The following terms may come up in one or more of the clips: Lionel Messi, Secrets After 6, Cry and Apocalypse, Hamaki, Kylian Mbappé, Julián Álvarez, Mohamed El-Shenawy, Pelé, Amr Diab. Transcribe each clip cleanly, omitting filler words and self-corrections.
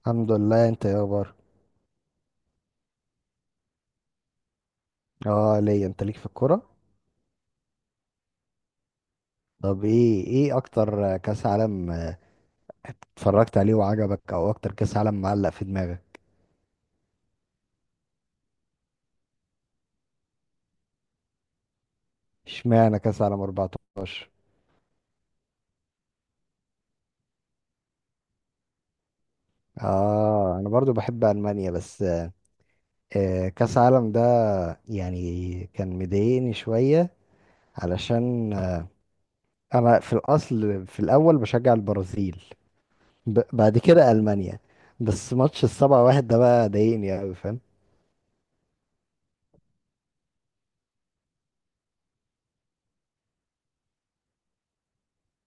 الحمد لله، انت يا اخبار؟ اه، ليا. انت ليك في الكوره؟ طب، ايه اكتر كاس عالم اتفرجت عليه وعجبك، او اكتر كاس عالم معلق في دماغك؟ اشمعنى كاس عالم 14؟ اه، انا برضو بحب المانيا. بس كاس عالم ده، يعني كان مضايقني شويه، علشان انا في الاصل في الاول بشجع البرازيل، بعد كده المانيا. بس ماتش السبعة واحد ده بقى ضايقني قوي، فاهم.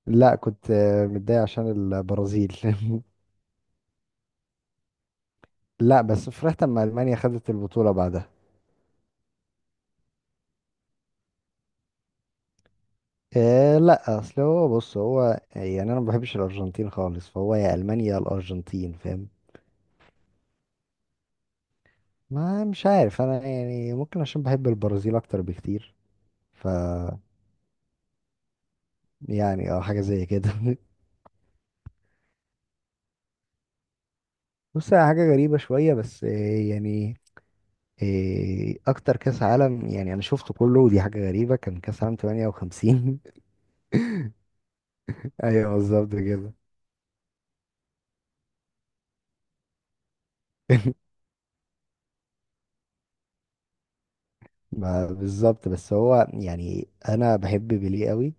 لا، كنت متضايق عشان البرازيل. لا، بس فرحت اما المانيا خدت البطوله بعدها. إيه، لا، اصل هو، بص، هو يعني انا ما بحبش الارجنتين خالص، فهو يا المانيا يا الارجنتين، فاهم. ما مش عارف، انا يعني ممكن عشان بحب البرازيل اكتر بكتير. ف يعني، اه، حاجه زي كده. بص، هي حاجه غريبه شويه، بس إيه يعني؟ إيه اكتر كاس عالم، يعني انا شفته كله، ودي حاجه غريبه، كان كاس عالم 58. ايوه، بالظبط كده. ما بالظبط، بس هو يعني انا بحب بيليه قوي،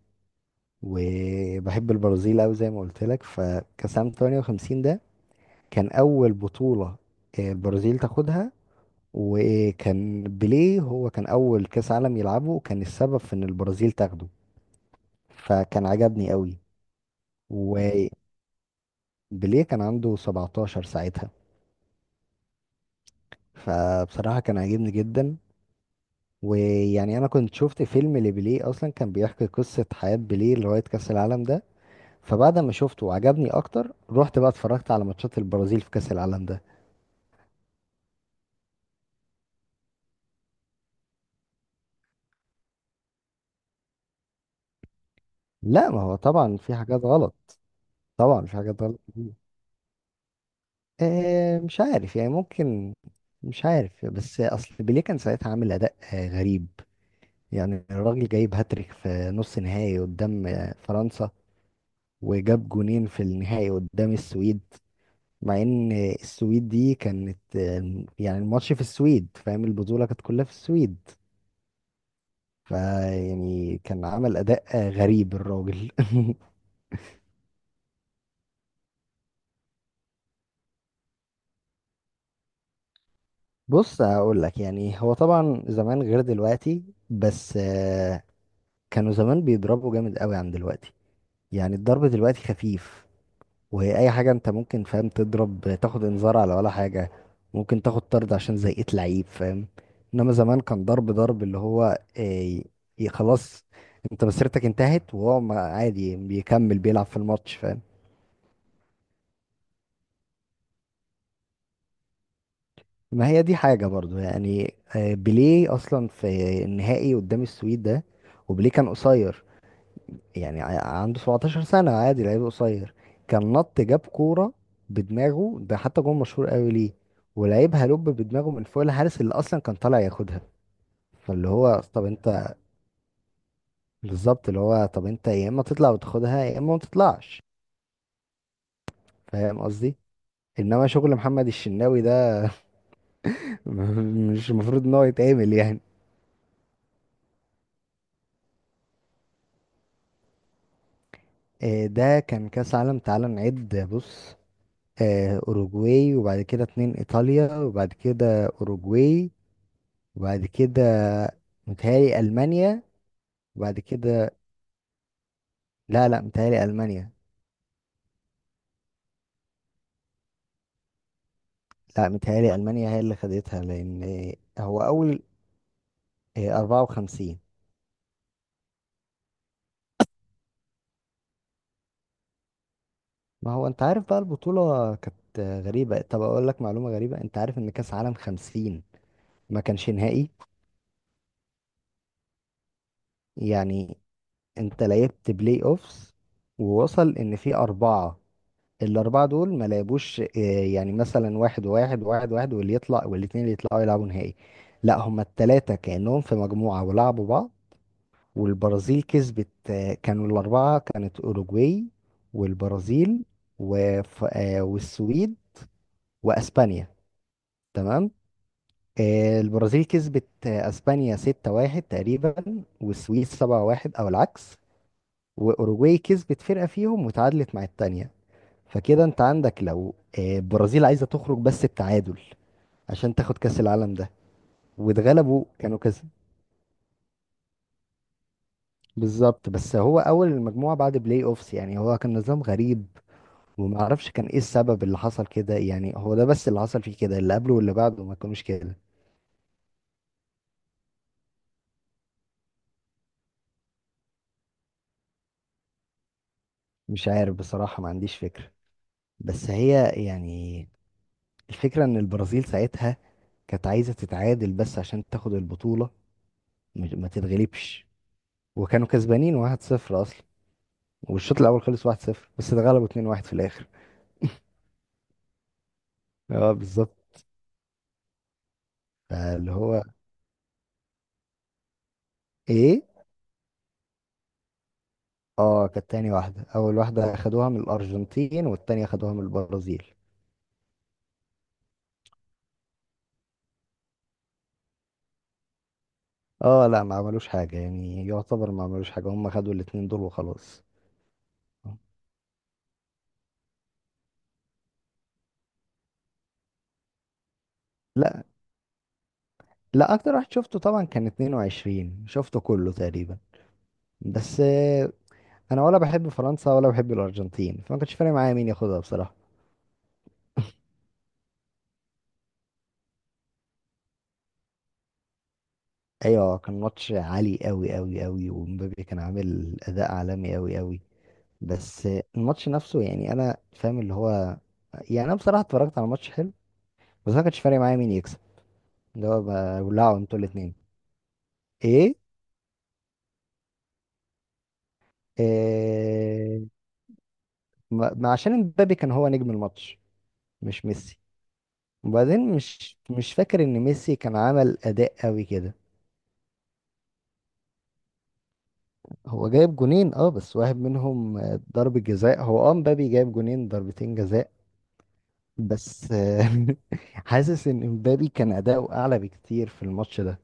وبحب البرازيل أوي زي ما قلت لك، فكأس عام 58 ده كان أول بطولة البرازيل تاخدها، وكان بيليه هو كان أول كأس عالم يلعبه، وكان السبب في إن البرازيل تاخده، فكان عجبني أوي. وبيليه كان عنده 17 ساعتها، فبصراحة كان عاجبني جدا. ويعني أنا كنت شفت فيلم لبيليه أصلا، كان بيحكي قصة حياة بيليه لغاية كأس العالم ده، فبعد ما شفته وعجبني أكتر رحت بقى اتفرجت على ماتشات البرازيل في كأس العالم ده. لا، ما هو طبعا في حاجات غلط. طبعا في حاجات غلط كتير. مش عارف يعني، ممكن. مش عارف، بس اصل بيليه كان ساعتها عامل اداء غريب. يعني الراجل جايب هاتريك في نص نهائي قدام فرنسا، وجاب جونين في النهائي قدام السويد، مع ان السويد دي كانت يعني الماتش في السويد، فاهم، البطولة كانت كلها في السويد. فيعني كان عمل اداء غريب الراجل. بص، هقول لك، يعني هو طبعا زمان غير دلوقتي، بس كانوا زمان بيضربوا جامد قوي عن دلوقتي. يعني الضرب دلوقتي خفيف، وهي اي حاجه انت ممكن، فاهم، تضرب تاخد انذار على ولا حاجه، ممكن تاخد طرد عشان زيقت لعيب، فاهم. انما زمان كان ضرب ضرب اللي هو آه، خلاص، انت مسيرتك انتهت، وهو عادي بيكمل بيلعب في الماتش، فاهم. ما هي دي حاجه برضو، يعني بيليه اصلا في النهائي قدام السويد ده، وبيليه كان قصير، يعني عنده 17 سنة، عادي لعيب قصير، كان نط جاب كورة بدماغه، ده حتى جون مشهور قوي ليه، ولعيبها لوب بدماغه من فوق الحارس اللي اصلا كان طالع ياخدها، فاللي هو طب انت. بالظبط، اللي هو طب انت يا اما تطلع وتاخدها يا اما ما تطلعش، فاهم قصدي. انما شغل محمد الشناوي ده، مش المفروض ان هو يتعمل يعني. ده كان كاس عالم، تعال نعد، بص. اوروجواي، وبعد كده اتنين ايطاليا، وبعد كده اوروجواي، وبعد كده متهيألي ألمانيا. وبعد كده، لا لا، متهيألي ألمانيا. لا، متهيألي ألمانيا هي اللي خدتها، لأن هو أول، إيه، 54. ما هو أنت عارف بقى، البطولة كانت غريبة. طب أقول لك معلومة غريبة، أنت عارف إن كأس عالم 50 ما كانش نهائي؟ يعني أنت لعبت بلاي أوفس، ووصل إن في أربعة. الأربعة دول ما لعبوش، إيه، يعني مثلا واحد وواحد، وواحد واحد، واللي يطلع والاتنين اللي يطلعوا يلعبوا نهائي. لا، هما التلاتة كأنهم في مجموعة ولعبوا بعض. والبرازيل كسبت، كانوا الأربعة كانت أوروجواي والبرازيل، وف... آه، والسويد وأسبانيا. تمام. البرازيل كسبت أسبانيا 6-1 تقريبا، والسويد 7-1، أو العكس. وأوروجواي كسبت فرقة فيهم وتعادلت مع التانية، فكده أنت عندك، لو البرازيل عايزة تخرج بس بتعادل عشان تاخد كأس العالم ده، واتغلبوا كانوا كسب. بالظبط، بس هو أول المجموعة بعد بلاي أوفس، يعني هو كان نظام غريب. وما اعرفش كان ايه السبب اللي حصل كده، يعني هو ده بس اللي حصل فيه كده، اللي قبله واللي بعده ما كانوش كده. مش عارف بصراحة، ما عنديش فكرة. بس هي يعني، الفكرة ان البرازيل ساعتها كانت عايزة تتعادل بس عشان تاخد البطولة، ما تتغلبش، وكانوا كسبانين 1-0 اصلا، والشوط الاول خلص 1-0، بس اتغلبوا 2-1 في الاخر. اه، بالظبط. اللي هو، ايه. اه، كانت تاني واحدة. اول واحدة اخدوها من الارجنتين، والتانية اخدوها من البرازيل. اه لا، ما عملوش حاجة، يعني يعتبر ما عملوش حاجة، هم خدوا الاتنين دول وخلاص. لا لا، اكتر واحد شفته طبعا كان 22، شفته كله تقريبا. بس انا ولا بحب فرنسا ولا بحب الارجنتين، فما كانش فارق معايا مين ياخدها بصراحة. ايوه، كان ماتش عالي قوي قوي قوي، ومبابي كان عامل اداء عالمي قوي قوي. بس الماتش نفسه، يعني انا فاهم اللي هو، يعني انا بصراحة اتفرجت على ماتش حلو، بس ما كانش فارق معايا مين يكسب. اللي هو، بولعوا انتوا الاتنين. ايه. آه، ما عشان امبابي كان هو نجم الماتش، مش ميسي. وبعدين مش فاكر ان ميسي كان عمل اداء قوي كده. هو جايب جونين، اه، بس واحد منهم ضربة جزاء. هو، اه، امبابي جايب جونين ضربتين جزاء. بس حاسس ان امبابي كان اداؤه اعلى بكتير في الماتش ده.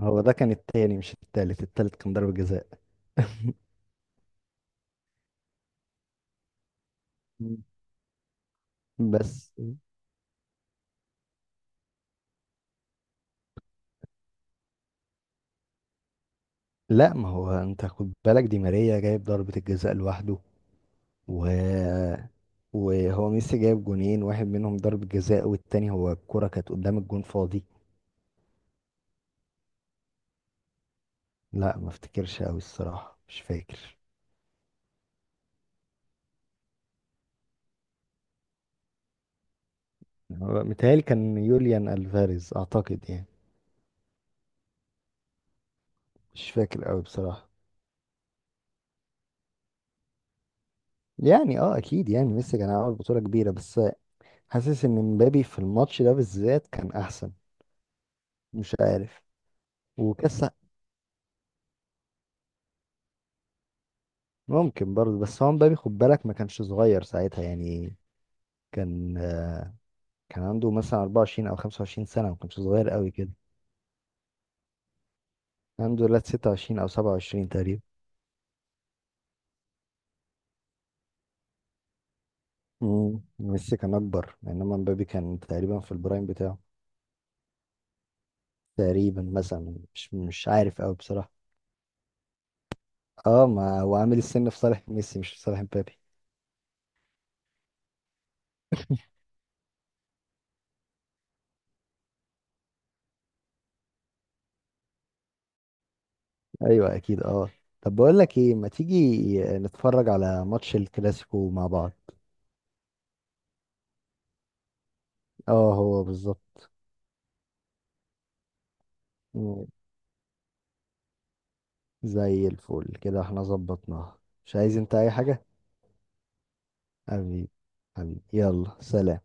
هو ده كان التاني مش التالت، التالت كان ضربة جزاء. مم. بس. لا، ما هو انت خد بالك، دي ماريا جايب ضربة الجزاء لوحده، و وهو ميسي جايب جونين، واحد منهم ضربة جزاء، والتاني هو الكرة كانت قدام الجون فاضي. لا، ما افتكرش قوي الصراحة، مش فاكر. متهيألي كان يوليان ألفاريز أعتقد يعني، مش فاكر قوي بصراحة. يعني اه اكيد، يعني ميسي كان عامل بطولة كبيرة، بس حاسس ان مبابي في الماتش ده بالذات كان احسن. مش عارف. وكاس. ممكن برضه، بس هو مبابي خد بالك ما كانش صغير ساعتها، يعني كان آه، كان عنده مثلا 24 او 25 سنة، ما كانش صغير قوي كده. الحمد لله 26 او 27 تقريبا. ميسي كان اكبر، انما مبابي كان تقريبا في البرايم بتاعه. تقريبا مثلا، مش عارف قوي بصراحه. اه، ما هو عامل السن في صالح ميسي، مش في صالح مبابي. ايوه اكيد، اه. طب بقول لك ايه، ما تيجي نتفرج على ماتش الكلاسيكو مع بعض؟ اه، هو بالظبط. مم. زي الفل كده، احنا ظبطناها. مش عايز انت اي حاجه؟ حبيبي. حبيبي يلا سلام.